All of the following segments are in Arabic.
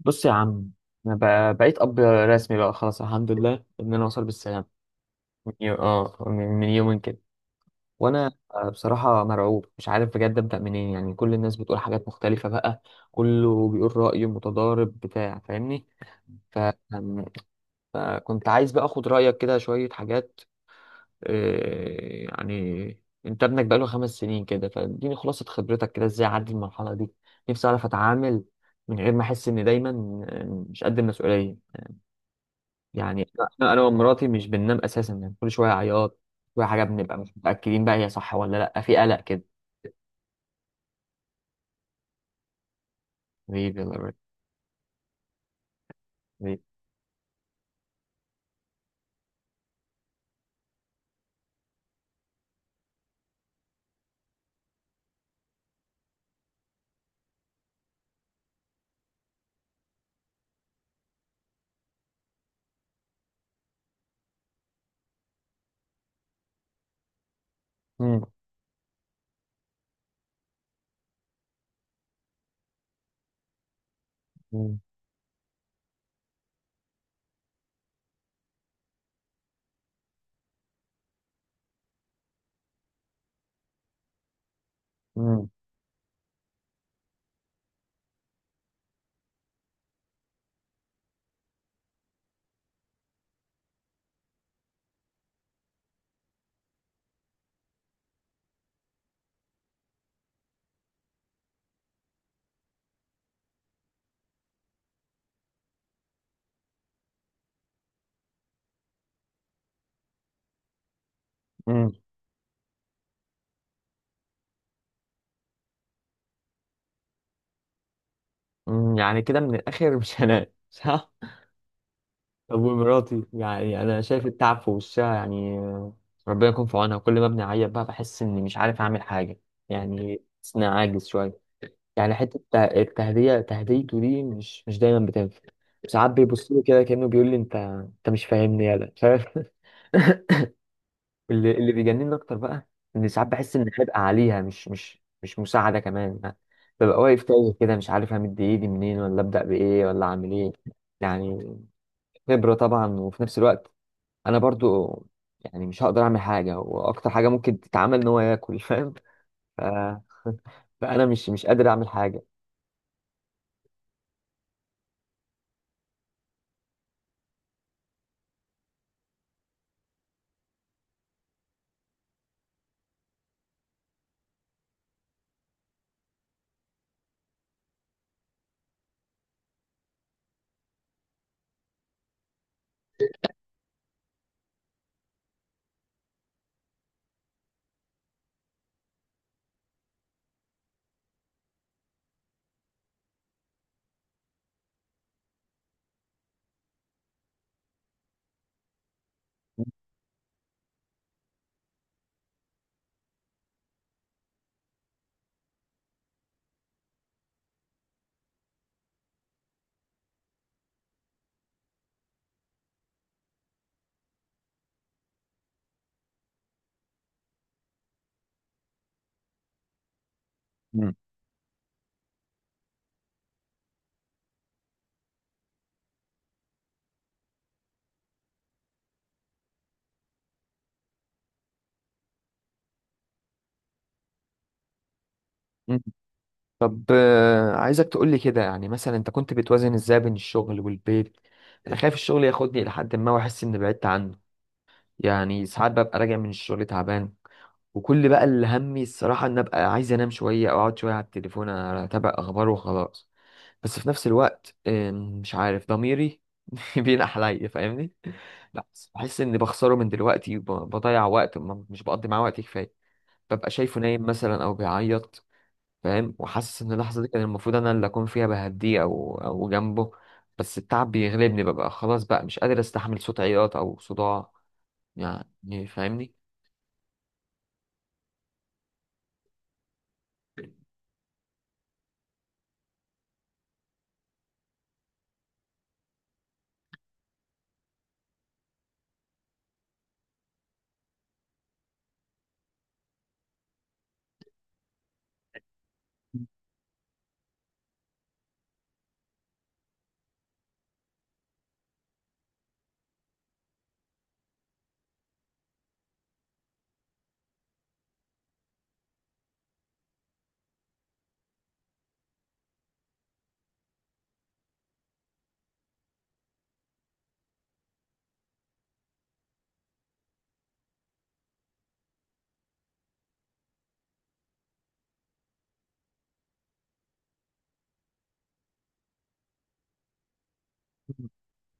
بص يا عم. انا بقيت اب رسمي بقى خلاص، الحمد لله ان انا وصل بالسلام. من يو... اه من من يومين كده. وانا بصراحه مرعوب، مش عارف بجد ابدا منين. يعني كل الناس بتقول حاجات مختلفه بقى، كله بيقول رايه متضارب بتاع، فاهمني؟ ف... أم- فكنت عايز بقى اخد رايك كده شويه حاجات. يعني انت ابنك بقاله 5 سنين كده، فاديني خلاصه خبرتك كده ازاي اعدي المرحله دي. نفسي اعرف اتعامل من غير ما احس اني دايما آه، مش قد المسؤوليه يعني. انا ومراتي مش بننام اساسا، يعني كل شويه عياط، كل شويه حاجه، بنبقى مش متاكدين بقى هي صح ولا لا، في قلق كده. ليه بيلا؟ ليه؟ مم، مم، مم، مم، مم. يعني كده من الاخر مش هنام صح؟ طب ومراتي، يعني انا شايف التعب في وشها يعني. ربنا يكون في عونها. كل ما بنعيط بقى بحس اني مش عارف اعمل حاجه يعني، بحس اني عاجز شويه. يعني حته تهديته دي مش دايما بتنفع. ساعات بيبص له كده كانه بيقول لي انت مش فاهمني يالا، مش عارف. اللي بيجنني اكتر بقى ان ساعات بحس ان حرق عليها مش مساعده كمان يعني. ببقى واقف تايه كده، مش عارف همد ايدي منين ولا ابدا بايه ولا اعمل ايه يعني. خبره طبعا، وفي نفس الوقت انا برضو يعني مش هقدر اعمل حاجه، واكتر حاجه ممكن تتعمل ان هو ياكل، فاهم؟ ف... فانا مش قادر اعمل حاجه. مم. طب عايزك تقولي كده يعني، مثلا انت كنت بتوازن ازاي بين الشغل والبيت؟ انا خايف الشغل ياخدني لحد ما، واحس اني بعدت عنه. يعني ساعات ببقى راجع من الشغل تعبان، وكل بقى اللي همي الصراحة ان ابقى عايز انام شوية او اقعد شوية على التليفون اتابع اخبار وخلاص. بس في نفس الوقت، مش عارف ضميري بينح عليا فاهمني. بس بحس اني بخسره من دلوقتي، وب- بضيع وقت مش بقضي معاه وقت كفاية. ببقى شايفه نايم مثلا او بيعيط، فاهم؟ وحاسس ان اللحظه دي كان المفروض انا اللي اكون فيها بهديه او جنبه. بس التعب بيغلبني، ببقى خلاص بقى مش قادر استحمل صوت عياط او صداع يعني، فاهمني؟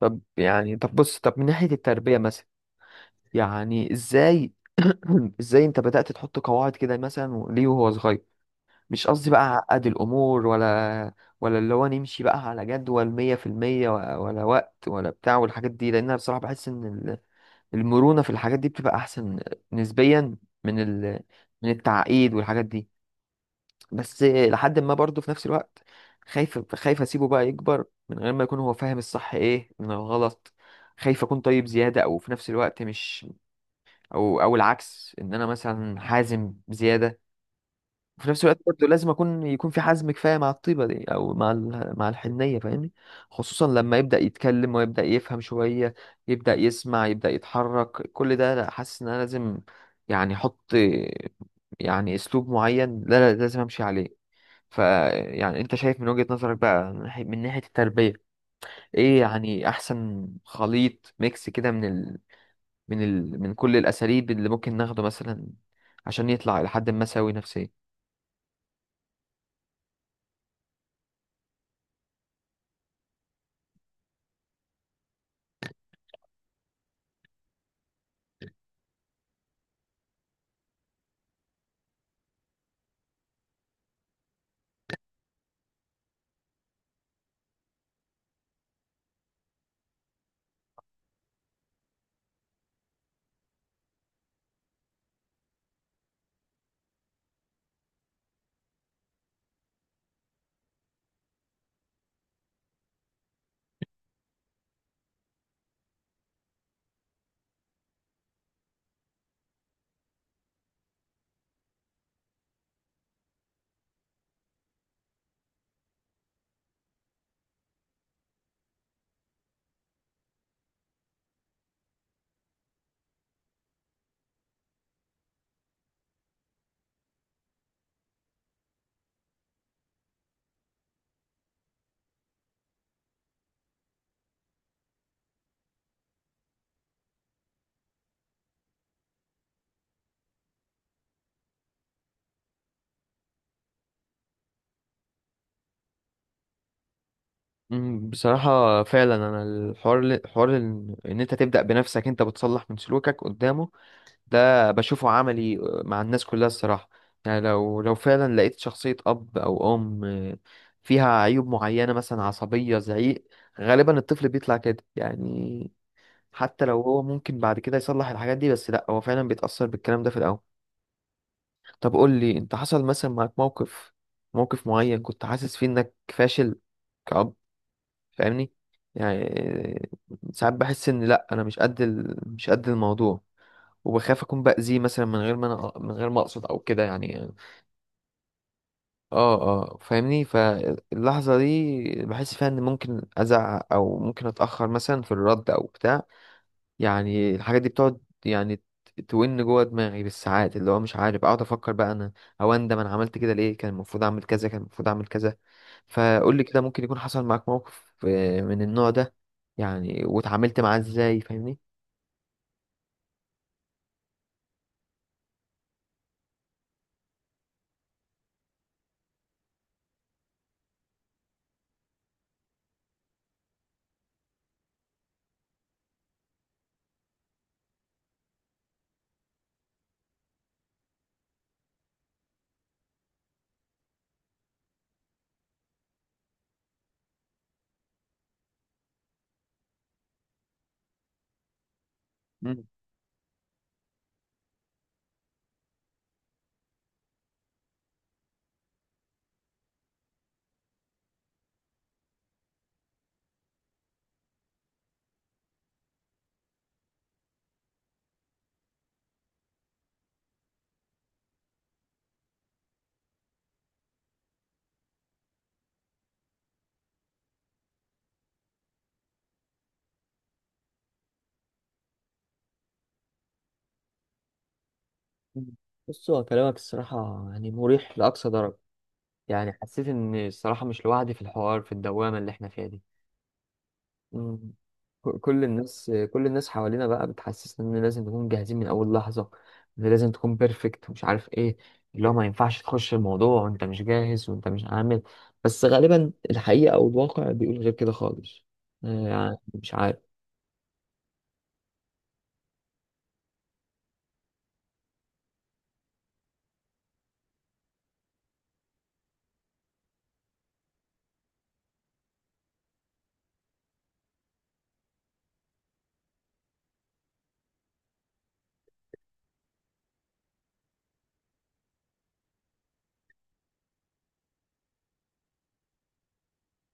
طب يعني، طب بص، طب من ناحية التربية مثلا، يعني ازاي؟ ازاي انت بدأت تحط قواعد كده مثلا ليه وهو صغير؟ مش قصدي بقى عقد الأمور، ولا ولا اللي هو نمشي بقى على جدول 100% ولا وقت ولا بتاع والحاجات دي، لأن أنا بصراحة بحس إن المرونة في الحاجات دي بتبقى أحسن نسبيا من ال... من التعقيد والحاجات دي. بس لحد ما برضه في نفس الوقت خايف أسيبه بقى يكبر من غير ما يكون هو فاهم الصح إيه من الغلط. خايف أكون طيب زيادة، أو في نفس الوقت مش، أو العكس، إن أنا مثلا حازم بزيادة. في نفس الوقت برضه لازم اكون يكون في حزم كفايه مع الطيبه دي، او مع مع الحنيه، فاهمني؟ خصوصا لما يبدا يتكلم ويبدا يفهم شويه، يبدا يسمع يبدا يتحرك كل ده، لا حاسس ان انا لازم يعني احط، يعني اسلوب معين لا لا لازم امشي عليه. ف، يعني انت شايف من وجهه نظرك بقى من ناحية التربيه، ايه يعني احسن خليط ميكس كده من كل الاساليب اللي ممكن ناخده مثلا، عشان يطلع لحد ما سوي نفسيا. مم، بصراحة فعلا أنا الحوار حوار إن أنت تبدأ بنفسك، أنت بتصلح من سلوكك قدامه، ده بشوفه عملي مع الناس كلها الصراحة. يعني لو فعلا لقيت شخصية أب أو أم فيها عيوب معينة، مثلا عصبية، زعيق، غالبا الطفل بيطلع كده يعني. حتى لو هو ممكن بعد كده يصلح الحاجات دي، بس لأ هو فعلا بيتأثر بالكلام ده في الأول. طب قول لي، أنت حصل مثلا معاك موقف، موقف معين كنت حاسس فيه إنك فاشل، فاهمني؟ يعني ساعات بحس ان لا انا مش قد الموضوع، وبخاف اكون باذيه مثلا من غير ما اقصد او كده يعني. اه فاهمني، فاللحظه دي بحس فيها ان ممكن ازعق، او ممكن اتاخر مثلا في الرد او بتاع يعني. الحاجات دي بتقعد يعني تون جوه دماغي بالساعات، اللي هو مش عارف اقعد افكر بقى انا، او اندم انا عملت كده ليه، كان المفروض اعمل كذا، كان المفروض اعمل كذا. فقول لي كده، ممكن يكون حصل معاك موقف من النوع ده يعني، واتعاملت معاه ازاي، فاهمني؟ مم. مم. بص هو كلامك الصراحة يعني مريح لأقصى درجة. يعني حسيت إن الصراحة مش لوحدي في الحوار، في الدوامة اللي إحنا فيها دي. مم. كل الناس، كل الناس حوالينا بقى بتحسسنا ان لازم نكون جاهزين من اول لحظه، ان لازم تكون بيرفكت، ومش عارف ايه، اللي هو ما ينفعش تخش الموضوع وانت مش جاهز وانت مش عامل. بس غالبا الحقيقه او الواقع بيقول غير كده خالص. يعني مش عارف.